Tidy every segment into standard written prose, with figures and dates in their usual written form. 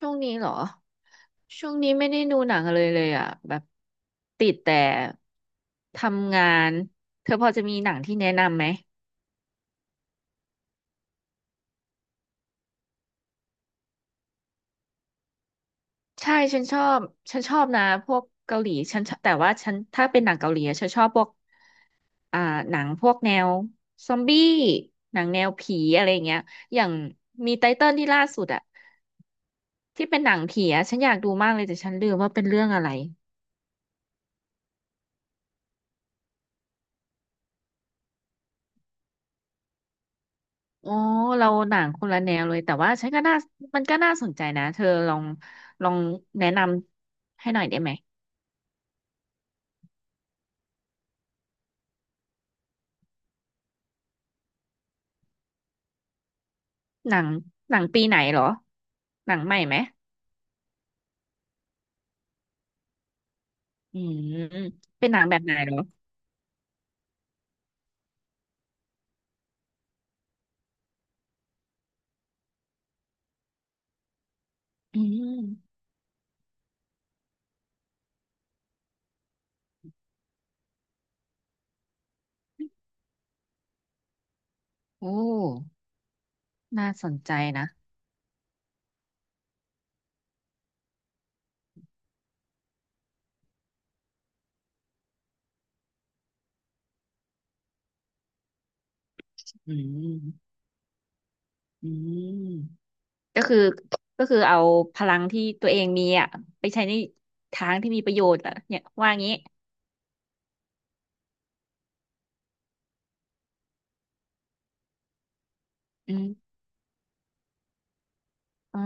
ช่วงนี้เหรอช่วงนี้ไม่ได้ดูหนังเลยอ่ะแบบติดแต่ทำงานเธอพอจะมีหนังที่แนะนำไหมใช่ฉันชอบนะพวกเกาหลีฉันชอบแต่ว่าฉันถ้าเป็นหนังเกาหลีอะฉันชอบพวกอ่าหนังพวกแนวซอมบี้หนังแนวผีอะไรอย่างเงี้ยอย่างมีไตเติ้ลที่ล่าสุดอ่ะที่เป็นหนังผีอะฉันอยากดูมากเลยแต่ฉันลืมว่าเป็นเรื่องอะไร โอ้ เราหนังคนละแนวเลยแต่ว่าฉันก็น่ามันก็น่าสนใจนะเธอลองลองแนะนำให้หน่อยได้ไหมหนังหนังปีไหนเหรอหนังใหม่ไหมอืมเป็นหนังแบบไหนเหรออืมโอ้น่าสนใจนะอืมอืมก็คือก็คือเอาพลังที่ตัวเองมีอ่ะไปใช้ในทางที่มีประโยชน์อ่ะเนี่ยว่างี้อืมอ๋อ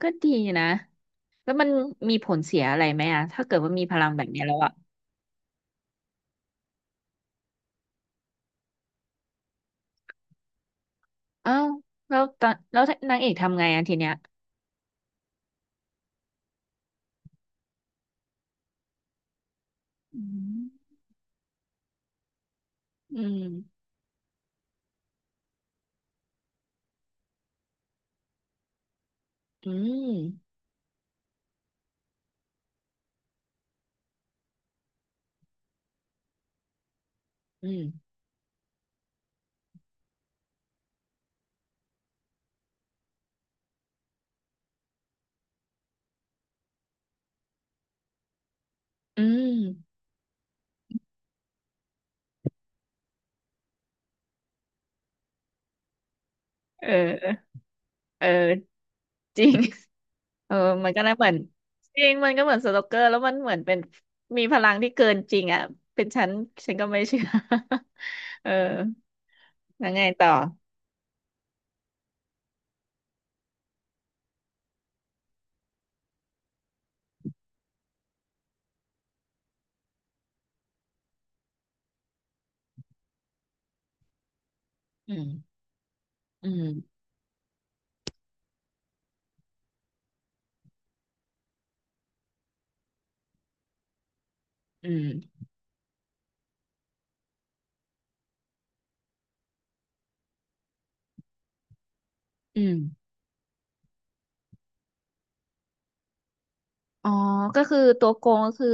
ก็ดีนะ แล้วมันมีผลเสียอะไรไหมอะถ้าเกิดว่ามีพลังแบบเนี้ยแล้วอะอ้าวแล้วนางเอกทำไงอะทีเนี้ยอืมอืมอืมอืมอืมเออเออจริง เออมันก็น่าเหมือนจริงมันก็เหมือนสโลกเกอร์แล้วมันเหมือนเป็นมีพลังที่เกินจริงอ่ะเป็นฉันฉันก็ไม่เชื่อ เออแล้วไงต่ออืมอืมอืมอืมอ๋อก็คือตัวโกงก็คือ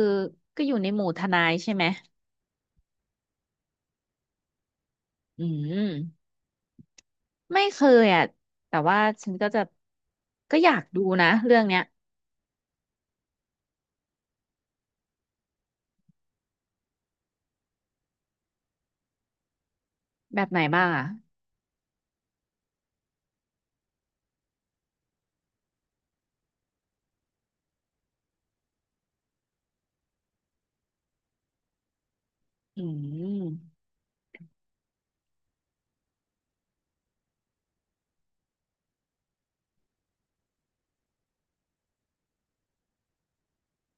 ก็อยู่ในหมู่ทนายใช่ไหม อืมไม่เคยอ่ะแต่ว่าฉันก็จะก็อยากดูนะเรื่องเนี้ยแบบไหนบ้างอ่ะอืม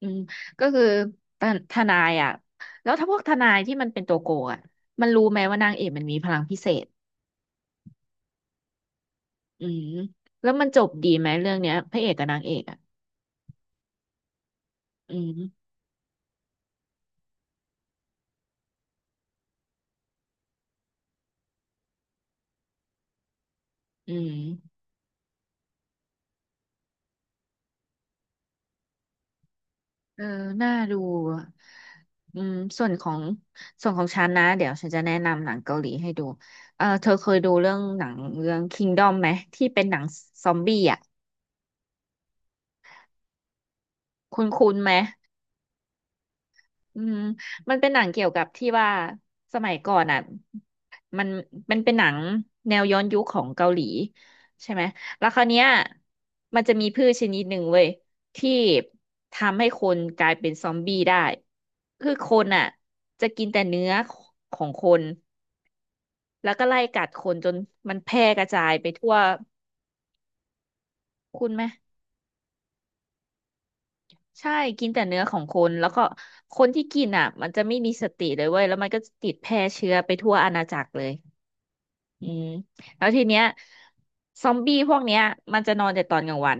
อืมก็คือทนายอ่ะแล้วถ้าพวกทนายที่มันเป็นตัวโกงอ่ะมันรู้ไหมว่านางเอกมันมีพลังพิเศษอืมแล้วมันจบดีไหมเรื่องเนี้ยพระเอกกับนางเอกอ่ะอืมอืม เออน่าดูอะอืมส่วนของส่วนของฉันนะเดี๋ยวฉันจะแนะนำหนังเกาหลีให้ดูเออเธอเคยดูเรื่องหนังเรื่อง Kingdom ไหมที่เป็นหนังซอมบี้อ่ะคุ้นๆไหม อืมมันเป็นหนังเกี่ยวกับที่ว่าสมัยก่อนอ่ะมันมันเป็นหนังแนวย้อนยุคของเกาหลีใช่ไหมแล้วคราวเนี้ยมันจะมีพืชชนิดหนึ่งเว้ยที่ทำให้คนกลายเป็นซอมบี้ได้คือคนอ่ะจะกินแต่เนื้อของคนแล้วก็ไล่กัดคนจนมันแพร่กระจายไปทั่วคุณไหมใช่กินแต่เนื้อของคนแล้วก็คนที่กินอ่ะมันจะไม่มีสติเลยเว้ยแล้วมันก็ติดแพร่เชื้อไปทั่วอาณาจักรเลย อืมแล้วทีเนี้ยซอมบี้พวกเนี้ยมันจะนอนแต่ตอนกลางวัน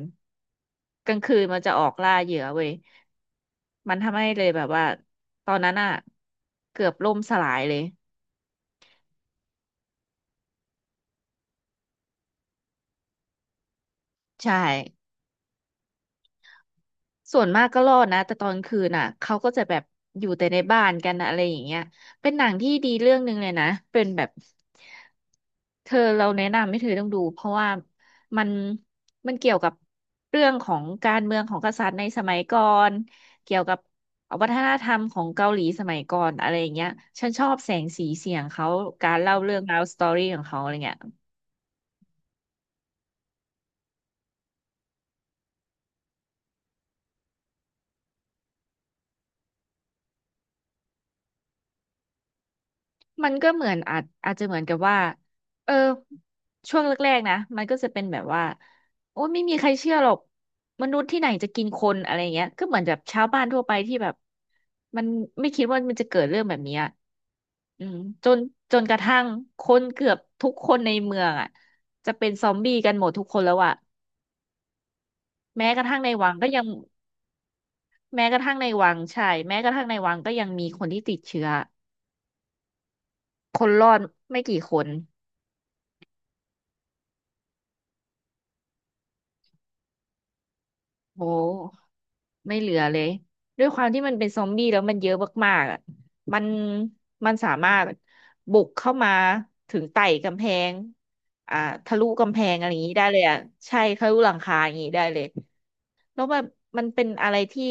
กลางคืนมันจะออกล่าเหยื่อเว้ยมันทำให้เลยแบบว่าตอนนั้นอ่ะเกือบล่มสลายเลยใช่ ส่วนมากก็รอดนะแต่ตอนคืนน่ะเขาก็จะแบบอยู่แต่ในบ้านกันนะอะไรอย่างเงี้ยเป็นหนังที่ดีเรื่องหนึ่งเลยนะเป็นแบบเธอเราแนะนำให้เธอต้องดูเพราะว่ามันมันเกี่ยวกับเรื่องของการเมืองของกษัตริย์ในสมัยก่อนเกี่ยวกับวัฒนธรรมของเกาหลีสมัยก่อนอะไรอย่างเงี้ยฉันชอบแสงสีเสียงเขาการเล่าเรื่องราวสตอรี่ของเขาอะไรเงี้ย มันก็เหมือนอาจจะเหมือนกับว่าเออช่วงแรกๆนะ มันก็จะเป็นแบบว่า โอ้ไม่มีใครเชื่อหรอก มนุษย์ที่ไหนจะกินคนอะไรเงี้ยก็เหมือนแบบชาวบ้านทั่วไปที่แบบมันไม่คิดว่ามันจะเกิดเรื่องแบบเนี้ยอืมจนจนกระทั่งคนเกือบทุกคนในเมืองอ่ะจะเป็นซอมบี้กันหมดทุกคนแล้วอ่ะแม้กระทั่งในวังก็ยังแม้กระทั่งในวังใช่แม้กระทั่งในวังก็ยังมีคนที่ติดเชื้อคนรอดไม่กี่คนโอ้ ไม่เหลือเลยด้วยความที่มันเป็นซอมบี้แล้วมันเยอะมากๆอ่ะมันมันสามารถบุกเข้ามาถึงไต่กำแพงอ่าทะลุกำแพงอะไรอย่างนี้ได้เลยอ่ะใช่ทะลุหลังคาอย่างนี้ได้เลยแล้วแบบมันเป็นอะไรที่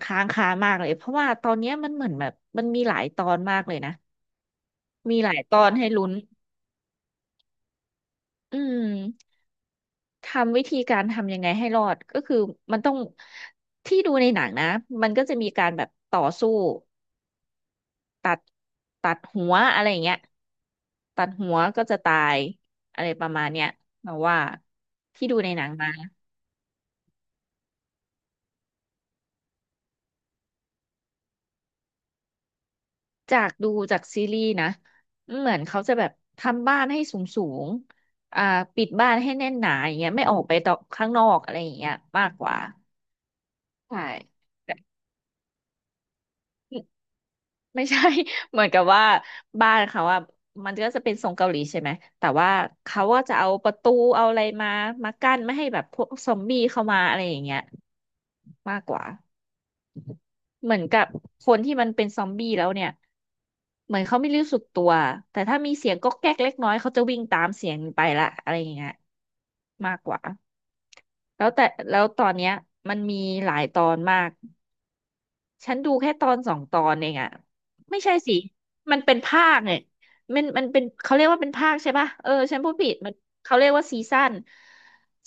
ค้างคามากเลยเพราะว่าตอนเนี้ยมันเหมือนแบบมันมีหลายตอนมากเลยนะมีหลายตอนให้ลุ้นอืมทำวิธีการทำยังไงให้รอดก็คือมันต้องที่ดูในหนังนะมันก็จะมีการแบบต่อสู้ ตัดตัดหัวอะไรอย่างเงี้ยตัดหัวก็จะตายอะไรประมาณเนี้ยเราว่าที่ดูในหนังมาจากดูจากซีรีส์นะเหมือนเขาจะแบบทำบ้านให้สูงสูงอ่าปิดบ้านให้แน่นหนาอย่างเงี้ยไม่ออกไปต่อข้างนอกอะไรอย่างเงี้ยมากกว่าใช่ ไม่ใช่ เหมือนกับว่าบ้านเขาว่ามันก็จะเป็นทรงเกาหลีใช่ไหมแต่ว่าเขาก็จะเอาประตูเอาอะไรมามากั้นไม่ให้แบบพวกซอมบี้เข้ามาอะไรอย่างเงี้ยมากกว่าเหมือนกับคนที่มันเป็นซอมบี้แล้วเนี่ยเหมือนเขาไม่รู้สึกตัวแต่ถ้ามีเสียงก๊อกแก๊กเล็กน้อยเขาจะวิ่งตามเสียงไปละอะไรอย่างเงี้ยมากกว่าแล้วแต่แล้วตอนเนี้ยมันมีหลายตอนมาก ฉันดูแค่ตอนสองตอนเองอะไม่ใช่สิมันเป็นภาคเนี่ยมันเป็นเขาเรียกว่าเป็นภาคใช่ปะเออฉันพูดผิดมันเขาเรียกว่าซีซั่น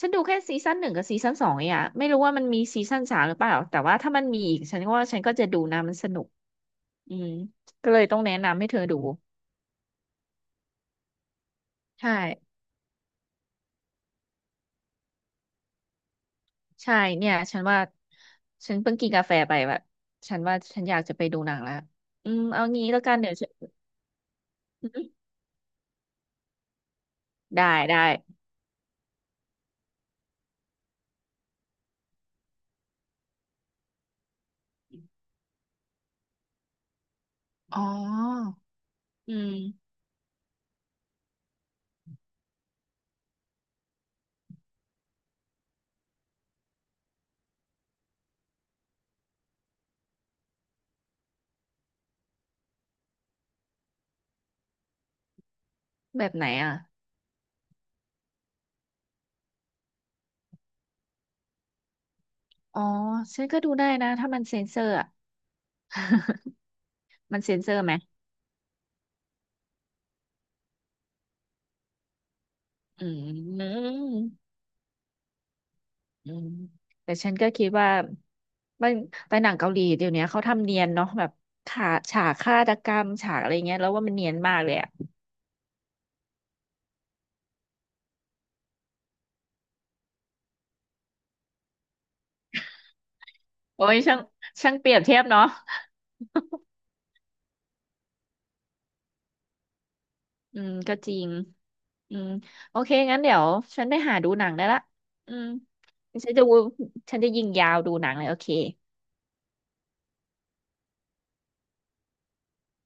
ฉันดูแค่ซีซั่นหนึ่งกับซีซั่นสองเองอะไม่รู้ว่ามันมีซีซั่นสามหรือเปล่าแต่ว่าถ้ามันมีอีกฉันก็ว่าฉันก็จะดูนะมันสนุกอืมก็เลยต้องแนะนำให้เธอดูใช่ใช่เนี่ยฉันว่าฉันเพิ่งกินกาแฟไปแบบฉันว่าฉันอยากจะไปดูหนังแล้วอืมเอางี้แล้วกันเดี๋ยวฉันอืมได้ได้อ๋ออืม แบบไหนอ่ะอ๋อฉันก็ดูได้นะถ้ามันเซ็นเซอร์อ่ะมันเซ็นเซอร์ไหมอืมอืมแต่ฉันก็คิดว่ามันไปหนังเกาหลีเดี๋ยวนี้เขาทำเนียนเนาะแบบฉากฆาตกรรมฉากอะไรเงี้ยแล้วว่ามันเนียนมากเลยอ่ะโอ้ยช่างเปรียบเทียบเนาะอืมก็จริงอืมโอเคงั้นเดี๋ยวฉันไปหาดูหนังได้ละอืมฉันจะวูฉันจะยิงยาวดูหนังเลยโอเค